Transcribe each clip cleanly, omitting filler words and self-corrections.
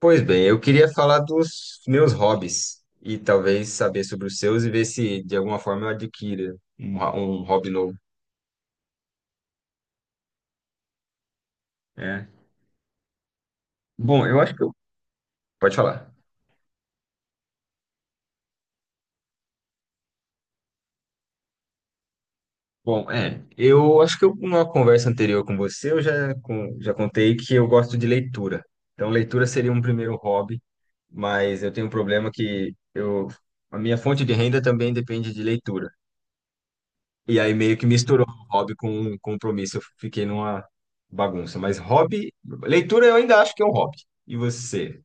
Pois bem, eu queria falar dos meus hobbies e talvez saber sobre os seus e ver se de alguma forma eu adquira um, um hobby novo. É. Bom, eu acho que eu. Pode falar. Bom, eu acho que eu, numa conversa anterior com você, já contei que eu gosto de leitura. Então, leitura seria um primeiro hobby, mas eu tenho um problema que eu, a minha fonte de renda também depende de leitura. E aí meio que misturou o hobby com um compromisso. Eu fiquei numa bagunça. Mas hobby, leitura eu ainda acho que é um hobby. E você,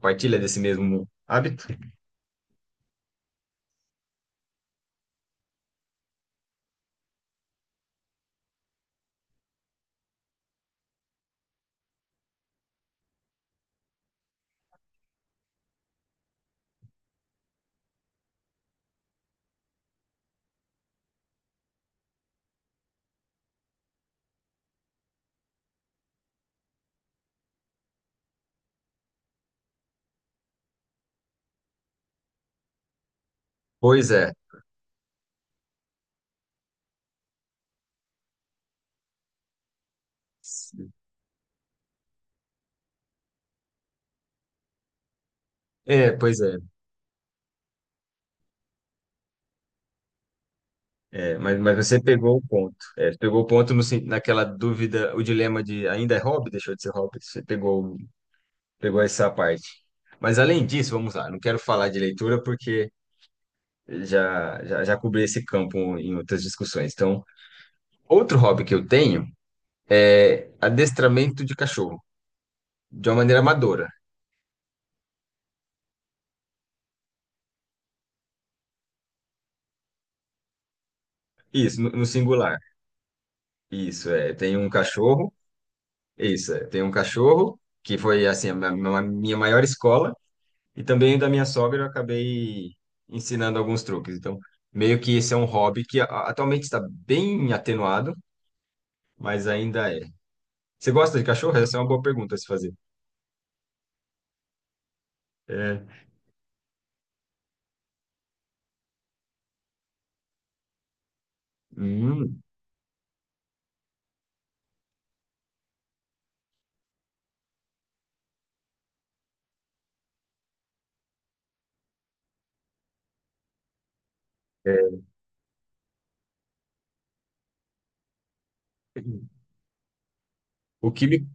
partilha desse mesmo hábito? Pois é. É, pois é. Mas você pegou o ponto. É, você pegou o ponto no, sen- naquela dúvida, o dilema de ainda é hobby, deixou de ser hobby. Pegou essa parte. Mas além disso, vamos lá, não quero falar de leitura porque já cobri esse campo em outras discussões. Então, outro hobby que eu tenho. É adestramento de cachorro, de uma maneira amadora. Isso, no singular. Isso, é. Isso, é. Tem um cachorro que foi, assim, a minha maior escola, e também da minha sogra eu acabei ensinando alguns truques. Então, meio que esse é um hobby que atualmente está bem atenuado, mas ainda é. Você gosta de cachorro? Essa é uma boa pergunta a se fazer. É. Hum, é. O que me...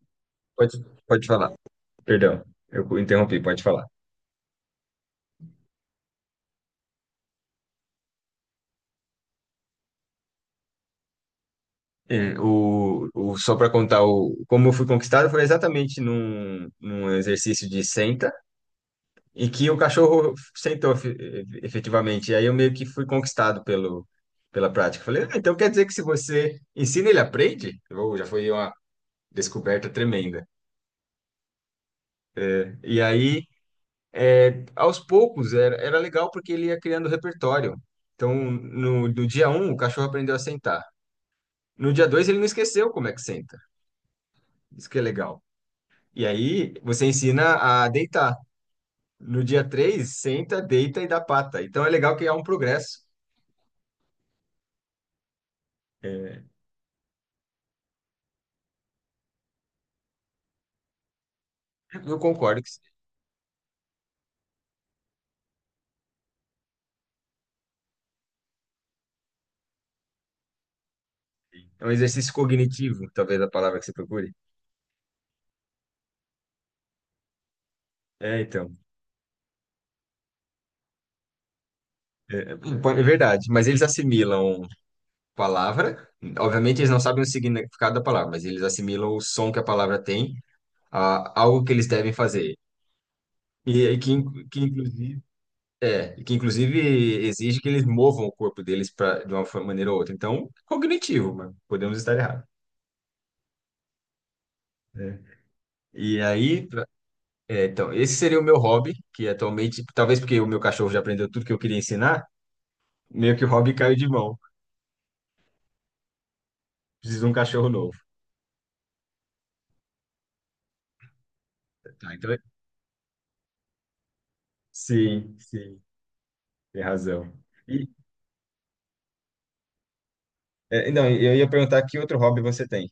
Pode, pode falar. Perdão, eu interrompi, pode falar. Só para contar como eu fui conquistado, foi exatamente num exercício de senta, em que o cachorro efetivamente. E aí eu meio que fui conquistado pela prática. Falei, ah, então quer dizer que se você ensina, ele aprende? Ou já foi uma descoberta tremenda. E aí, aos poucos, era legal porque ele ia criando repertório. Então, no dia um, o cachorro aprendeu a sentar. No dia dois, ele não esqueceu como é que senta. Isso que é legal. E aí você ensina a deitar. No dia 3, senta, deita e dá pata. Então é legal que há um progresso. É, eu concordo que é um exercício cognitivo, talvez a palavra que você procure. É, então. É verdade. Mas eles assimilam palavra. Obviamente, eles não sabem o significado da palavra, mas eles assimilam o som que a palavra tem a algo que eles devem fazer. E que, in- que inclusive. É, e que inclusive exige que eles movam o corpo deles pra, de uma maneira ou outra. Então, cognitivo, mas podemos estar errados. É. E aí, pra- é, então, esse seria o meu hobby, que atualmente, talvez porque o meu cachorro já aprendeu tudo que eu queria ensinar, meio que o hobby caiu de mão. Preciso de um cachorro novo. Tá, então, sim, sim, tem razão. E, é, não, eu ia perguntar que outro hobby você tem?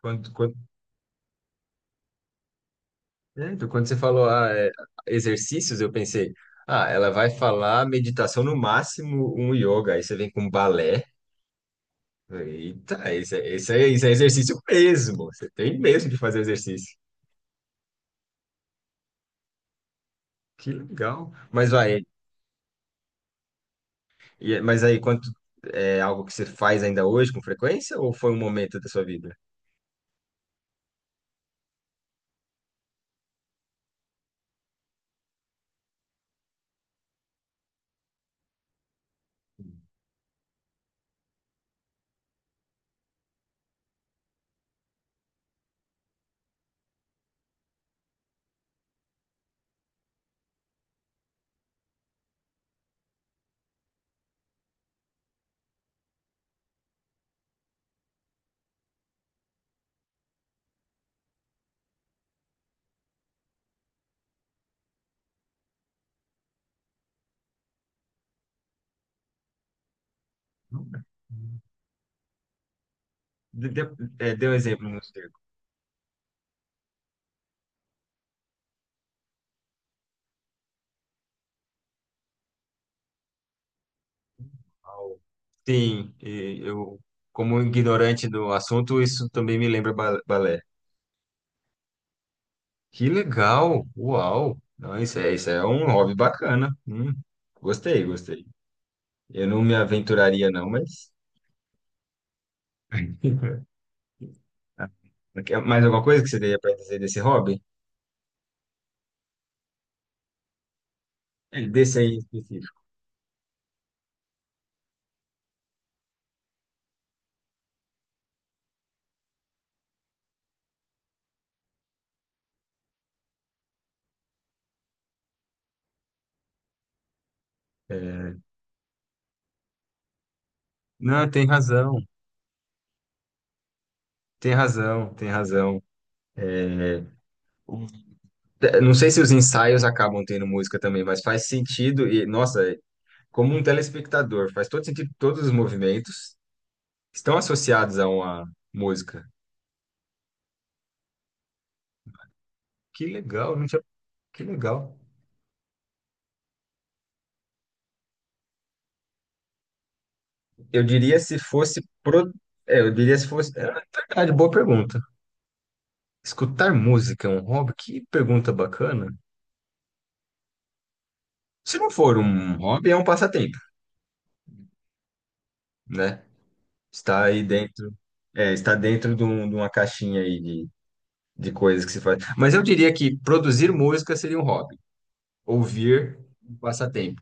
Quando, quando, quando você falou ah, é, exercícios, eu pensei, ah, ela vai falar meditação, no máximo um yoga, aí você vem com balé. Eita, esse é exercício mesmo. Você tem mesmo de fazer exercício. Que legal. Mas vai, mas aí quanto é algo que você faz ainda hoje com frequência ou foi um momento da sua vida? Nunca. De- de- é, dê um exemplo no qual- sim, e eu como ignorante do assunto, isso também me lembra balé. Que legal! Uau! Não, isso é um hobby bacana. Gostei, gostei. Eu não me aventuraria não, mas mais alguma coisa que você teria para dizer desse hobby? É, desse aí em específico. É, não, tem razão. É, o- não sei se os ensaios acabam tendo música também, mas faz sentido e, nossa, é como um telespectador, faz todo sentido, todos os movimentos estão associados a uma música. Que legal, não tinha, que legal. Eu diria se fosse pro, é, eu diria se fosse, é verdade, boa pergunta. Escutar música é um hobby? Que pergunta bacana. Se não for um hobby, é um passatempo, né? Está aí dentro, é, está dentro de, de uma caixinha aí de coisas que se faz. Mas eu diria que produzir música seria um hobby, ouvir um passatempo.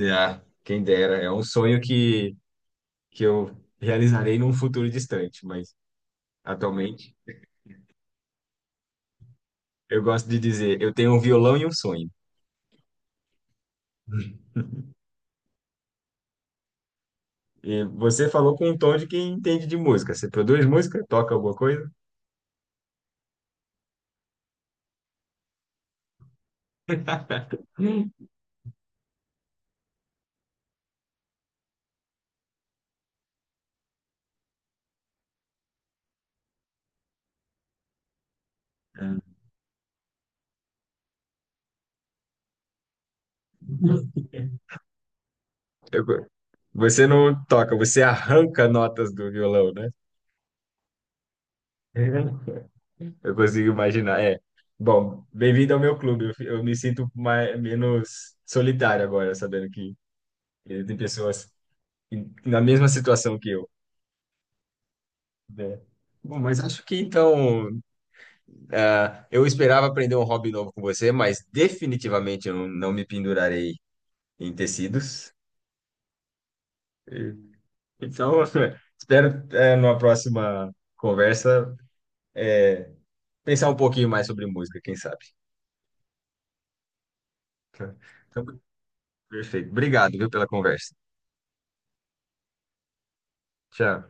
Ah, quem dera, é um sonho que eu realizarei num futuro distante, mas atualmente eu gosto de dizer, eu tenho um violão e um sonho. E você falou com um tom de quem entende de música. Você produz música? Toca alguma coisa? Eu- você não toca, você arranca notas do violão, né? Eu consigo imaginar. É. Bom, bem-vindo ao meu clube. Eu me sinto mais, menos solitário agora, sabendo que tem pessoas na mesma situação que eu, né? Bom, mas acho que então, ah, eu esperava aprender um hobby novo com você, mas definitivamente eu não, não me pendurarei em tecidos. E- Então, espero, numa próxima conversa, eh, pensar um pouquinho mais sobre música, quem sabe. Tá. Então, perfeito. Obrigado, viu, pela conversa. Tchau.